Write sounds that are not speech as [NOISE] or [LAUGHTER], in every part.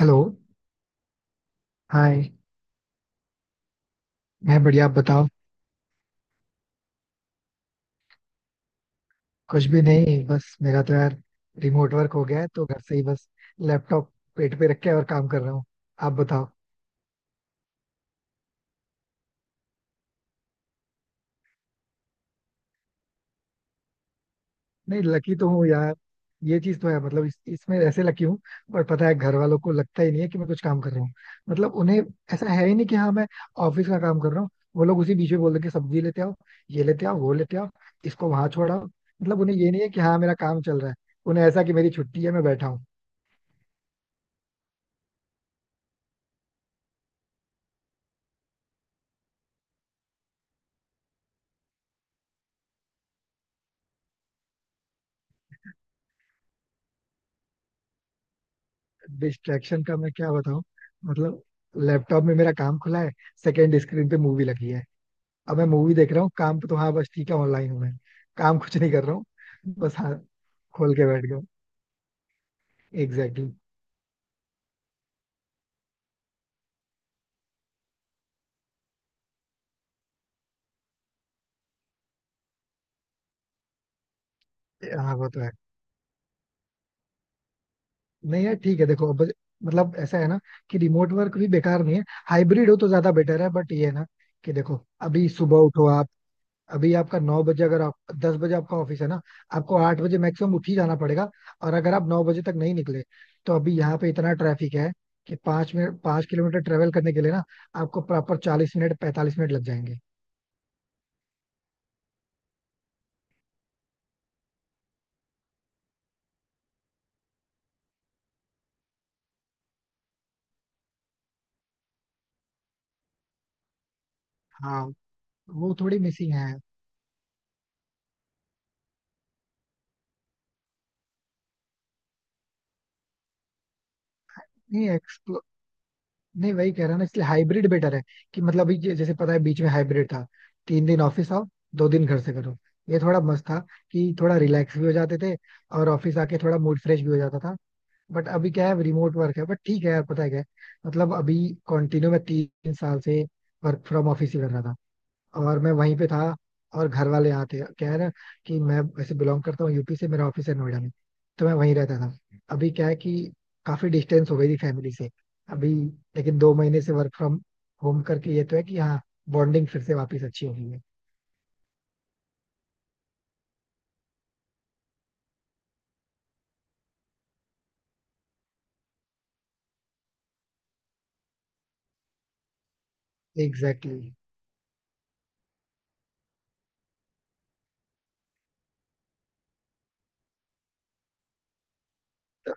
Hello, hi. मैं बढ़िया, आप बताओ. कुछ भी नहीं, बस मेरा तो यार रिमोट वर्क हो गया है तो घर से ही बस लैपटॉप पेट पे रख के और काम कर रहा हूँ. आप बताओ. नहीं लकी तो हूँ यार. ये चीज तो है, मतलब इसमें ऐसे लकी हूँ. पर पता है, घर वालों को लगता ही नहीं है कि मैं कुछ काम कर रहा हूँ. मतलब उन्हें ऐसा है ही नहीं कि हाँ मैं ऑफिस का काम कर रहा हूँ. वो लोग उसी बीच में बोल देंगे, सब्जी लेते आओ, ये लेते आओ, वो लेते आओ, इसको वहां छोड़ाओ. मतलब उन्हें ये नहीं है कि हाँ मेरा काम चल रहा है. उन्हें ऐसा कि मेरी छुट्टी है, मैं बैठा हूँ. डिस्ट्रैक्शन का मैं क्या बताऊं. मतलब लैपटॉप में मेरा काम खुला है, सेकेंड स्क्रीन पे मूवी लगी है. अब मैं मूवी देख रहा हूँ, काम पे तो हाँ बस ठीक है, ऑनलाइन हूँ मैं, काम कुछ नहीं कर रहा हूँ. बस हाँ, खोल के बैठ गया. Exactly exactly. हाँ वो तो है. नहीं यार ठीक है, देखो अब, मतलब ऐसा है ना कि रिमोट वर्क भी बेकार नहीं है. हाइब्रिड हो तो ज्यादा बेटर है, बट ये है ना कि देखो, अभी सुबह उठो आप. अभी आपका 9 बजे अगर आप, 10 बजे आपका ऑफिस है ना, आपको 8 बजे मैक्सिमम उठ ही जाना पड़ेगा. और अगर आप 9 बजे तक नहीं निकले तो अभी यहाँ पे इतना ट्रैफिक है कि 5 मिनट 5 किलोमीटर ट्रेवल करने के लिए ना, आपको प्रॉपर 40 मिनट 45 मिनट लग जाएंगे. हाँ वो थोड़ी मिसिंग है. नहीं एक्सप्लो नहीं, वही कह रहा ना, इसलिए हाइब्रिड बेटर है. कि मतलब अभी जैसे पता है, बीच में हाइब्रिड था. 3 दिन ऑफिस आओ, 2 दिन घर से करो. ये थोड़ा मस्त था कि थोड़ा रिलैक्स भी हो जाते थे और ऑफिस आके थोड़ा मूड फ्रेश भी हो जाता था. बट अभी क्या है, रिमोट वर्क है, बट ठीक है यार, पता है क्या है, मतलब अभी कंटिन्यू मैं 3 साल से वर्क फ्रॉम ऑफिस ही कर रहा था और मैं वहीं पे था और घर वाले यहाँ थे. क्या है ना कि मैं वैसे बिलोंग करता हूँ यूपी से, मेरा ऑफिस है नोएडा में, तो मैं वहीं रहता था. अभी क्या है कि काफी डिस्टेंस हो गई थी फैमिली से. अभी लेकिन 2 महीने से वर्क फ्रॉम होम करके ये तो है कि हाँ बॉन्डिंग फिर से वापस अच्छी हो गई है. Exactly exactly. तो,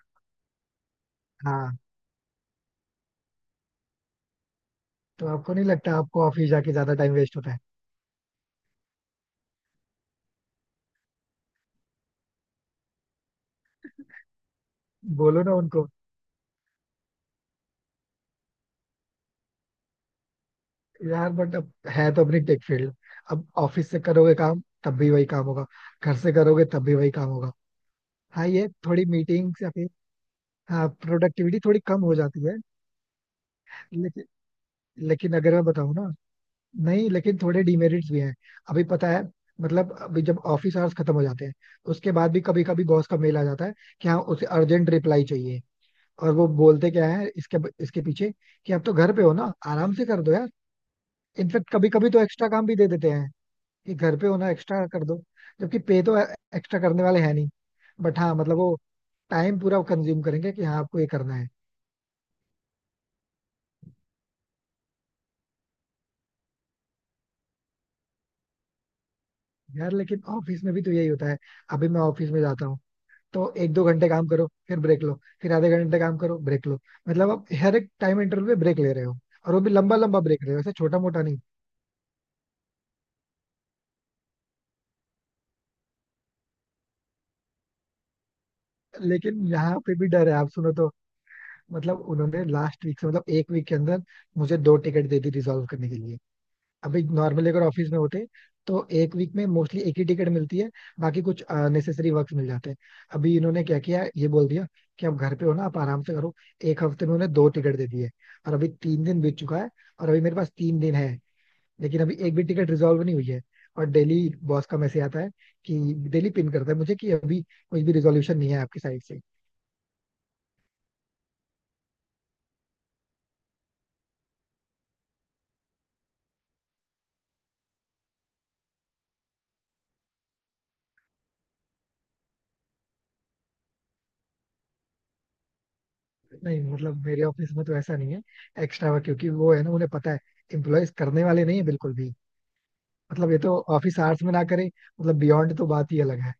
हाँ, तो आपको नहीं लगता आपको ऑफिस जाके ज्यादा टाइम वेस्ट होता है? बोलो ना उनको. यार बट अब, है तो अपनी टेक फील्ड. अब ऑफिस से करोगे काम तब भी वही काम होगा, घर से करोगे तब भी वही काम होगा. हाँ, ये थोड़ी मीटिंग्स या फिर, हाँ, प्रोडक्टिविटी थोड़ी कम हो जाती है. लेकिन लेकिन अगर मैं बताऊँ ना, नहीं लेकिन थोड़े डिमेरिट्स भी हैं. अभी पता है, मतलब अभी जब ऑफिस आवर्स खत्म हो जाते हैं, उसके बाद भी कभी कभी बॉस का मेल आ जाता है कि हाँ उसे अर्जेंट रिप्लाई चाहिए. और वो बोलते क्या है इसके इसके पीछे कि आप तो घर पे हो ना, आराम से कर दो यार. इनफेक्ट कभी कभी तो एक्स्ट्रा काम भी दे देते हैं कि घर पे होना, एक्स्ट्रा कर दो. जबकि पे तो एक्स्ट्रा करने वाले हैं नहीं. बट हाँ, मतलब वो टाइम पूरा कंज्यूम करेंगे कि हाँ आपको ये करना है. यार लेकिन ऑफिस में भी तो यही होता है. अभी मैं ऑफिस में जाता हूँ तो एक दो घंटे काम करो फिर ब्रेक लो, फिर आधे घंटे काम करो, ब्रेक लो. मतलब आप हर एक टाइम इंटरवल पे ब्रेक ले रहे हो, और वो भी लंबा लंबा ब्रेक ले रहे हो, ऐसे छोटा मोटा नहीं. लेकिन यहाँ पे भी डर है, आप सुनो तो. मतलब उन्होंने लास्ट वीक से, मतलब एक वीक के अंदर मुझे दो टिकट दे दी रिजॉल्व करने के लिए. अभी नॉर्मली अगर ऑफिस में होते तो एक वीक में मोस्टली एक ही टिकट मिलती है, बाकी कुछ नेसेसरी वर्क मिल जाते हैं. अभी इन्होंने क्या किया, ये बोल दिया कि आप घर पे हो ना, आप आराम से करो, एक हफ्ते में उन्हें दो टिकट दे दिए. और अभी तीन दिन बीत चुका है और अभी मेरे पास तीन दिन है, लेकिन अभी एक भी टिकट रिजॉल्व नहीं हुई है. और डेली बॉस का मैसेज आता है, कि डेली पिन करता है मुझे कि अभी कोई भी रिजोल्यूशन नहीं है आपकी साइड से. नहीं, मतलब मेरे ऑफिस में तो ऐसा नहीं है. एक्स्ट्रा वर्क, क्योंकि वो है ना, उन्हें पता है एम्प्लॉयज करने वाले नहीं है बिल्कुल भी. मतलब ये तो ऑफिस आवर्स में ना करें, मतलब बियॉन्ड तो बात ही अलग है.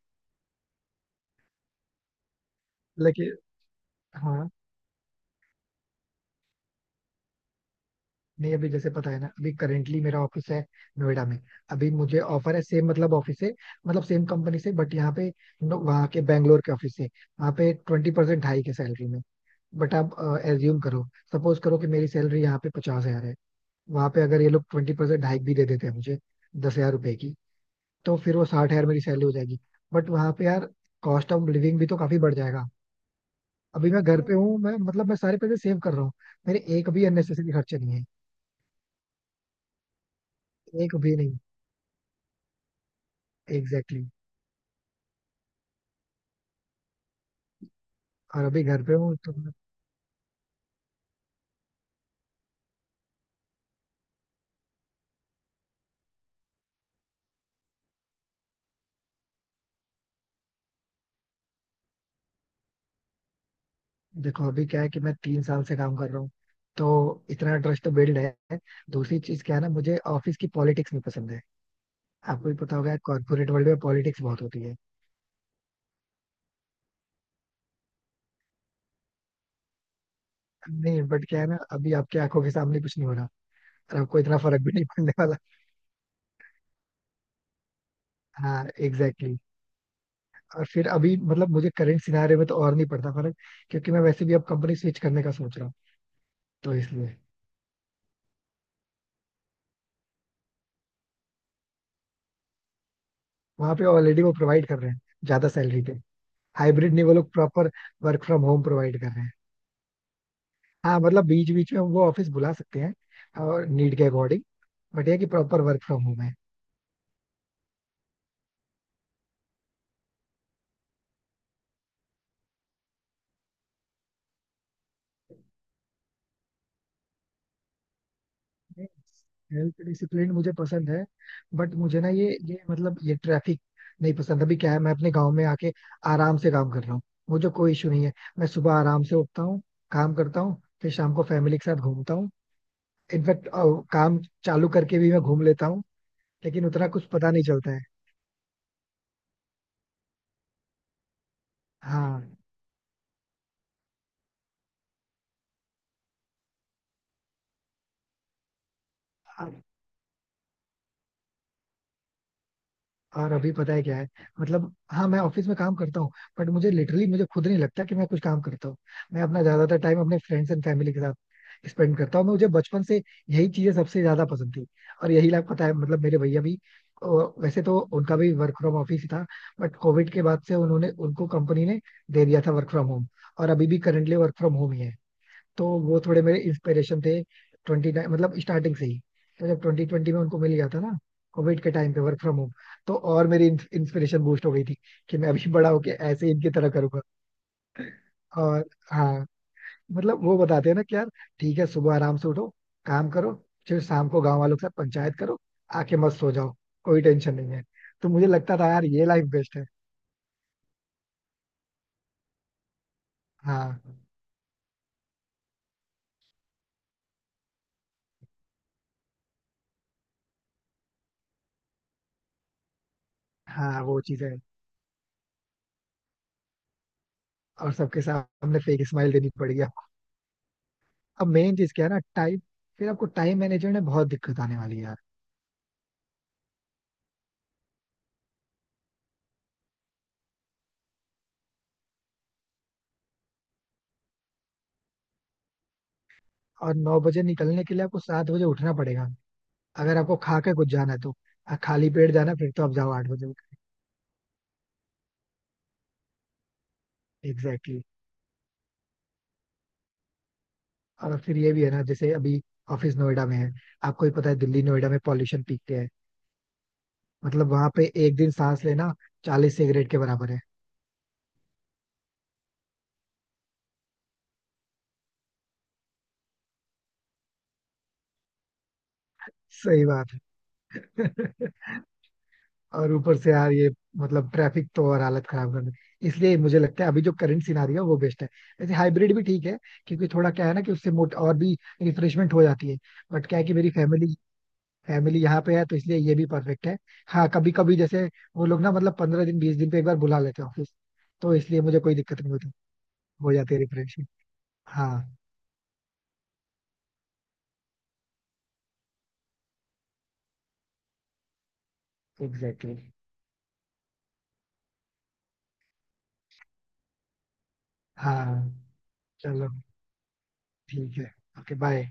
लेकिन हाँ. नहीं, अभी जैसे पता है ना, अभी करेंटली मेरा ऑफिस है नोएडा में. अभी मुझे ऑफर है, सेम मतलब ऑफिस से, मतलब सेम कंपनी से, बट यहाँ पे, वहाँ के बैंगलोर के ऑफिस से. वहाँ पे 20% हाई के सैलरी में. बट आप एज्यूम करो, सपोज करो कि मेरी सैलरी यहाँ पे 50,000 है. वहाँ पे अगर ये लोग 20% हाइक भी दे देते हैं मुझे, ₹10,000 की, तो फिर वो 60,000 मेरी सैलरी हो जाएगी. बट वहाँ पे यार कॉस्ट ऑफ लिविंग भी तो काफी बढ़ जाएगा. अभी मैं घर पे हूँ, मैं मतलब मैं सारे पैसे सेव कर रहा हूँ. मेरे एक भी अननेसेसरी खर्चे नहीं है, एक भी नहीं. Exactly exactly. और अभी घर पे हूँ तो देखो अभी क्या है कि मैं 3 साल से काम कर रहा हूँ तो इतना ट्रस्ट तो बिल्ड है. दूसरी चीज क्या है ना, मुझे ऑफिस की पॉलिटिक्स नहीं पसंद है. आपको भी पता होगा, कॉर्पोरेट वर्ल्ड में पॉलिटिक्स बहुत होती है. नहीं, बट क्या है ना, अभी आपकी आंखों के सामने कुछ नहीं हो रहा और आपको इतना फर्क भी नहीं पड़ने वाला. हाँ एग्जैक्टली exactly. और फिर अभी मतलब मुझे करंट सिनारियो में तो और नहीं पड़ता फर्क. क्योंकि मैं वैसे भी अब कंपनी स्विच करने का सोच रहा हूँ, तो इसलिए. वहां पे ऑलरेडी वो प्रोवाइड कर रहे हैं, ज्यादा सैलरी पे. हाइब्रिड नहीं, वो लोग proper work from home provide कर रहे हैं. हाँ, मतलब बीच बीच में हम वो ऑफिस बुला सकते हैं और नीड के अकॉर्डिंग, बट ये कि प्रॉपर वर्क फ्रॉम होम है. हेल्थ डिसिप्लिन मुझे पसंद है, बट मुझे ना ये मतलब ये ट्रैफिक नहीं पसंद. अभी क्या है, मैं अपने गांव में आके आराम से काम कर रहा हूँ, मुझे कोई इशू नहीं है. मैं सुबह आराम से उठता हूँ, काम करता हूँ, फिर शाम को फैमिली के साथ घूमता हूँ. इनफैक्ट काम चालू करके भी मैं घूम लेता हूँ, लेकिन उतना कुछ पता नहीं चलता है. हाँ. अब- और अभी पता है क्या है, मतलब हाँ मैं ऑफिस में काम करता हूँ, बट मुझे लिटरली मुझे खुद नहीं लगता कि मैं कुछ काम करता हूँ. मैं अपना ज्यादातर टाइम अपने फ्रेंड्स एंड फैमिली के साथ स्पेंड करता हूँ. मुझे बचपन से यही चीजें सबसे ज्यादा पसंद थी. और यही लाइफ, पता है, मतलब मेरे भैया भी अ, वैसे तो उनका भी वर्क फ्रॉम ऑफिस ही था, बट कोविड के बाद से उन्होंने, उनको कंपनी ने दे दिया था वर्क फ्रॉम होम. और अभी भी करंटली वर्क फ्रॉम होम ही है. तो वो थोड़े मेरे इंस्पिरेशन थे ट्वेंटी, मतलब स्टार्टिंग से ही. तो जब 2020 में उनको मिल गया था ना कोविड के टाइम पे वर्क फ्रॉम होम, तो और मेरी इंस्पिरेशन बूस्ट हो गई थी कि मैं अभी बड़ा होके ऐसे ही इनकी तरह करूंगा. और हाँ, मतलब वो बताते हैं ना कि यार ठीक है, सुबह आराम से उठो, काम करो, फिर शाम को गांव वालों के साथ पंचायत करो, आके मस्त सो जाओ, कोई टेंशन नहीं है. तो मुझे लगता था यार ये लाइफ बेस्ट है. हाँ, हाँ वो चीज है. और सबके सामने फेक स्माइल देनी पड़ गया. अब मेन चीज क्या है ना, टाइम. फिर आपको टाइम मैनेजमेंट में बहुत दिक्कत आने वाली है यार. और 9 बजे निकलने के लिए आपको 7 बजे उठना पड़ेगा. अगर आपको खा के कुछ जाना है तो. खाली पेट जाना है, फिर तो आप जाओ 8 बजे. Exactly exactly. और फिर ये भी है ना, जैसे अभी ऑफिस नोएडा में है. आपको ही पता है, दिल्ली नोएडा में पॉल्यूशन पीक पे है. मतलब वहां पे एक दिन सांस लेना 40 सिगरेट के बराबर है. सही बात है. [LAUGHS] और ऊपर से यार, ये मतलब ट्रैफिक तो और हालत खराब कर दे. इसलिए मुझे लगता है अभी जो करंट सिनारियो है वो बेस्ट है. वैसे हाइब्रिड भी ठीक है, क्योंकि थोड़ा क्या है ना कि उससे मोट और भी रिफ्रेशमेंट हो जाती है. बट क्या है कि मेरी फैमिली फैमिली यहाँ पे है तो इसलिए ये भी परफेक्ट है. हाँ कभी कभी जैसे वो लोग ना मतलब 15 दिन 20 दिन पे एक बार बुला लेते हैं ऑफिस, तो इसलिए मुझे कोई दिक्कत नहीं होती. हो जाती है रिफ्रेशमेंट. हाँ एग्जैक्टली. हाँ चलो. ठीक है. Okay bye.